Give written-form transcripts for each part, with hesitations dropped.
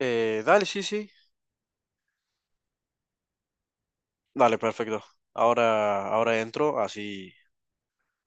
Dale, sí, sí. Dale, perfecto. Ahora entro, así,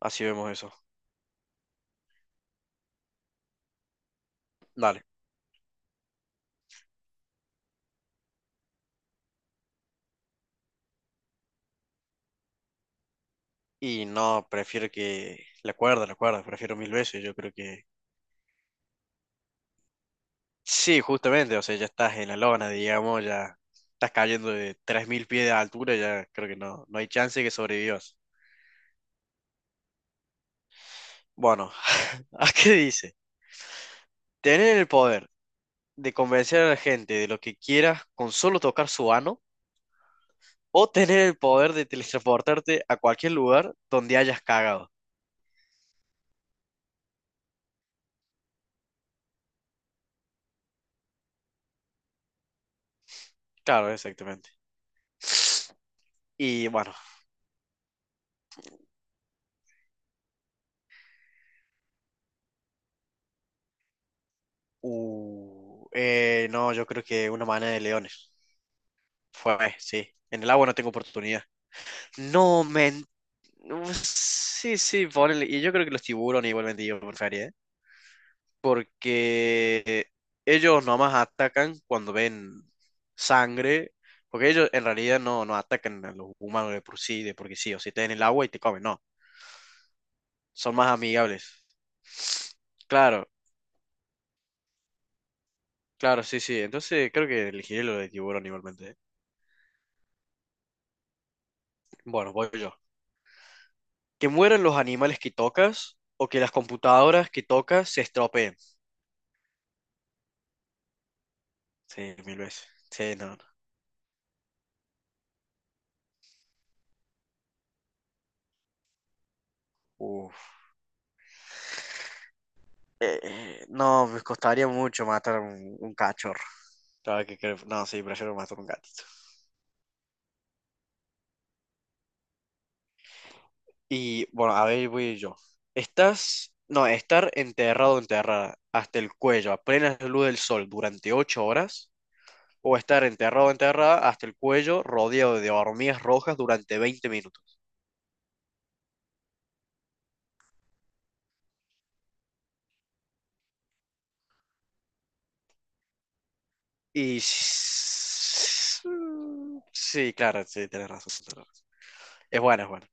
así vemos eso. Dale. Y no, prefiero que la cuerda, prefiero mil veces. Yo creo que sí, justamente. O sea, ya estás en la lona, digamos, ya estás cayendo de 3.000 pies de altura. Ya creo que no hay chance que sobrevivas. Bueno, ¿a qué dice? Tener el poder de convencer a la gente de lo que quieras con solo tocar su ano o tener el poder de teletransportarte a cualquier lugar donde hayas cagado. Claro, exactamente. Y bueno, no, yo creo que una manada de leones. Fue, sí. En el agua no tengo oportunidad. No, men. No, sí, sí, ponele. Y yo creo que los tiburones igualmente yo prefería, ¿eh? Porque ellos nomás atacan cuando ven sangre. Porque ellos en realidad no atacan a los humanos de por sí, de porque sí, o si te en el agua y te comen, no. Son más amigables. Claro, claro, sí, sí. Entonces creo que elegiré lo de tiburón igualmente. ¿Eh? Bueno, voy yo. Que mueran los animales que tocas o que las computadoras que tocas se estropeen. Sí, mil veces. Sí, no, no. Uf. No, me costaría mucho matar un cachorro. No, sí, prefiero matar un gatito. Y bueno, a ver, voy yo. Estás. No, estar enterrado o enterrada hasta el cuello a plena luz del sol durante 8 horas o estar enterrado, enterrada hasta el cuello, rodeado de hormigas rojas durante 20 minutos. Y sí, claro, sí, tienes razón. Tienes razón. Es bueno, es bueno.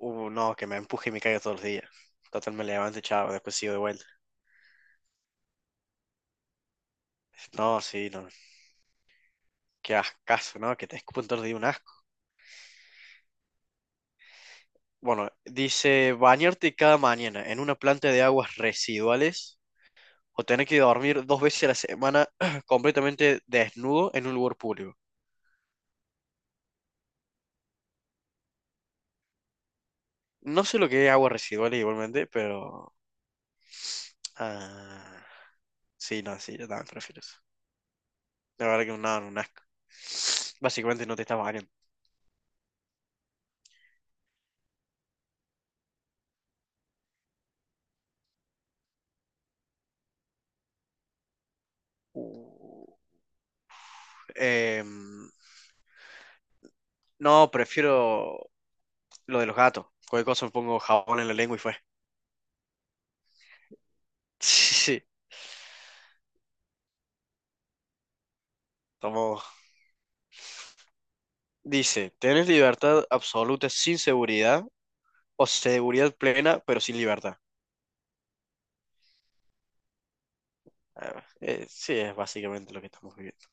No, que me empuje y me caiga todos los días. Total, me levanto, chavo, después sigo de vuelta. No, sí, no. Qué ascaso, ¿no? Que te escupen todos los días un asco. Bueno, dice bañarte cada mañana en una planta de aguas residuales o tener que dormir dos veces a la semana completamente desnudo en un lugar público. No sé lo que es aguas residuales igualmente, pero. Ah, sí, no, sí, yo también prefiero eso. La verdad que un nado, un asco. Básicamente no te estás bañando. Uh, em, no, prefiero lo de los gatos. Cualquier cosa me pongo jabón en la lengua y fue. Sí, sí, tomo. Dice, ¿tenés libertad absoluta sin seguridad o seguridad plena pero sin libertad? Ah, sí, es básicamente lo que estamos viviendo.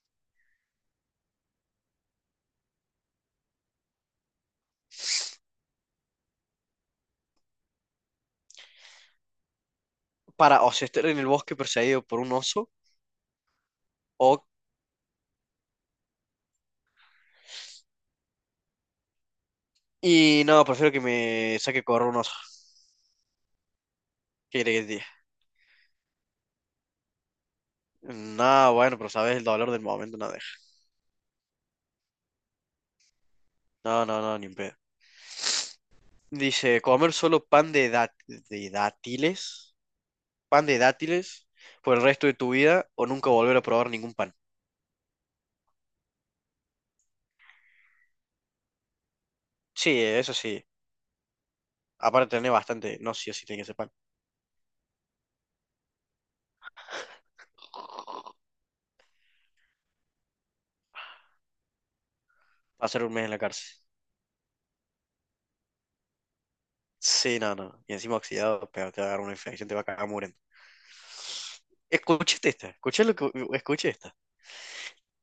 Para, o sea, estar en el bosque perseguido por un oso. O Y no, prefiero que me saque correr un oso. ¿Qué quiere que te diga? No, bueno, pero sabes, el dolor del momento no deja. No, no, no, ni en pedo. Dice, comer solo pan de dátiles por el resto de tu vida o nunca volver a probar ningún pan. Sí, eso sí. Aparte tener bastante, no, sí o sí tiene que ser pan. Pasar un mes en la cárcel. Sí, no, no. Y encima oxidado, pero te va a dar una infección, te va a cagar muriendo. Escuché lo que escuché esta.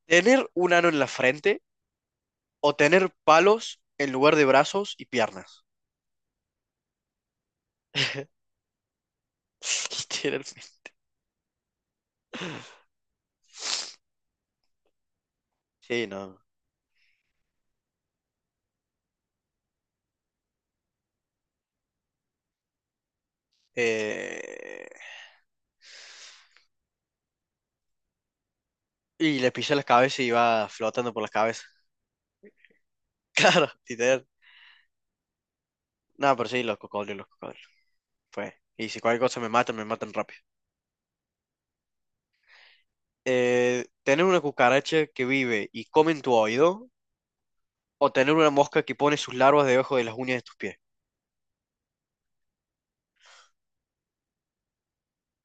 Tener un ano en la frente o tener palos en lugar de brazos y piernas. Literalmente. Sí, no. Eh, Y le pisa las cabezas y va flotando por las cabezas. Claro, literal. No, pero sí, los cocodrilos, los cocodrilos. Pues, y si cualquier cosa me matan rápido. Tener una cucaracha que vive y come en tu oído, o tener una mosca que pone sus larvas debajo de las uñas de tus pies.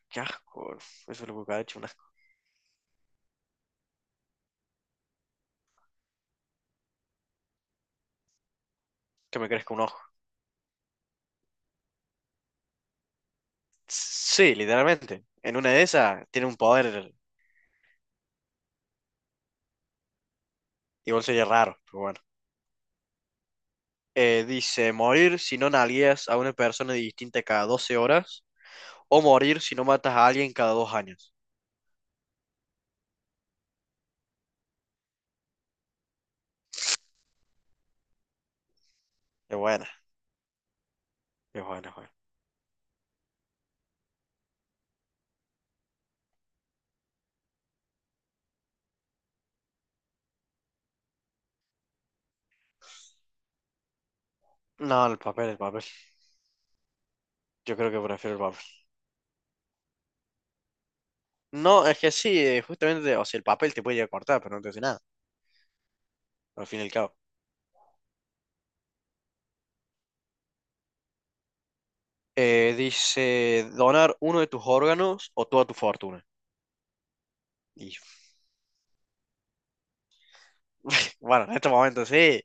Qué asco. Eso es lo cucaracha, un asco. Que me crezca un ojo. Sí, literalmente. En una de esas tiene un poder. Igual sería raro, pero bueno. Dice, morir si no nalgueas a una persona distinta cada 12 horas o morir si no matas a alguien cada 2 años. Es buena, es buena, es buena. No, el papel, el papel. Yo creo que prefiero el papel. No, es que sí, justamente, o sea, el papel te puede llegar a cortar, pero no te hace nada, al fin y al cabo. Dice, donar uno de tus órganos o toda tu fortuna. Y bueno, en este momento sí.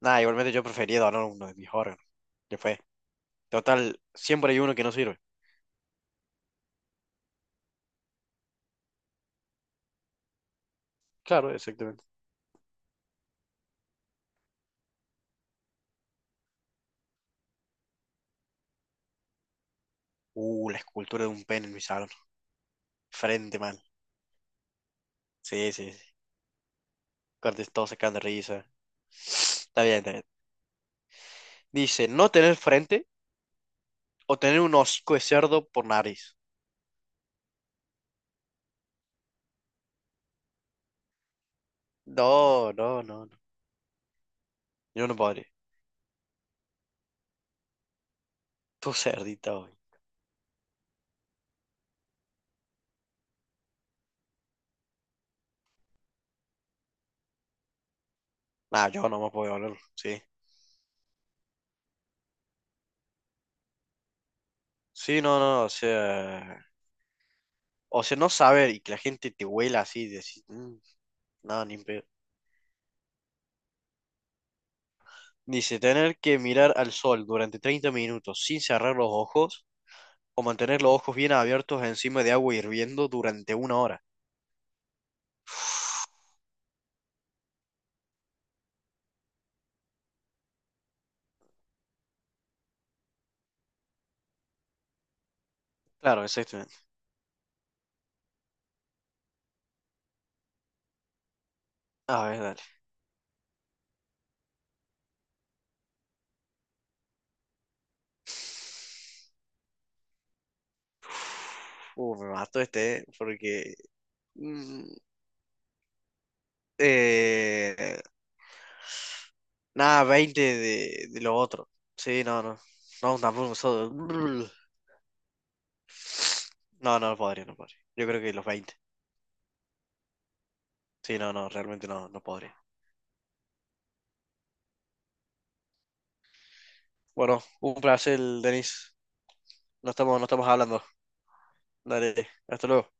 Nada, igualmente yo prefería donar uno de mis órganos. Que fue. Total, siempre hay uno que no sirve. Claro, exactamente. La escultura de un pene en mi salón. Frente, man. Sí, sí, sí. Cortes todos sacando risa. Está bien, está bien. Dice, no tener frente o tener un hocico de cerdo por nariz. No, no, no, no. Yo no podría. Tú cerdita hoy. Nah, yo no me puedo hablar. Sí. Sí, no, no, o sea. O sea, no saber y que la gente te huela así, decir, "Mm, no, ni en pedo". Dice, tener que mirar al sol durante 30 minutos sin cerrar los ojos o mantener los ojos bien abiertos encima de agua hirviendo durante 1 hora. Claro, exactamente. A ver, dale. Me mató este, porque. mm, eh, Nada, 20 de lo otro. Sí, no, no. No, tampoco solo- No, no podría, no podría. Yo creo que los 20. Sí, no, no, realmente no podría. Bueno, un placer, Denis. No estamos hablando. Dale, hasta luego.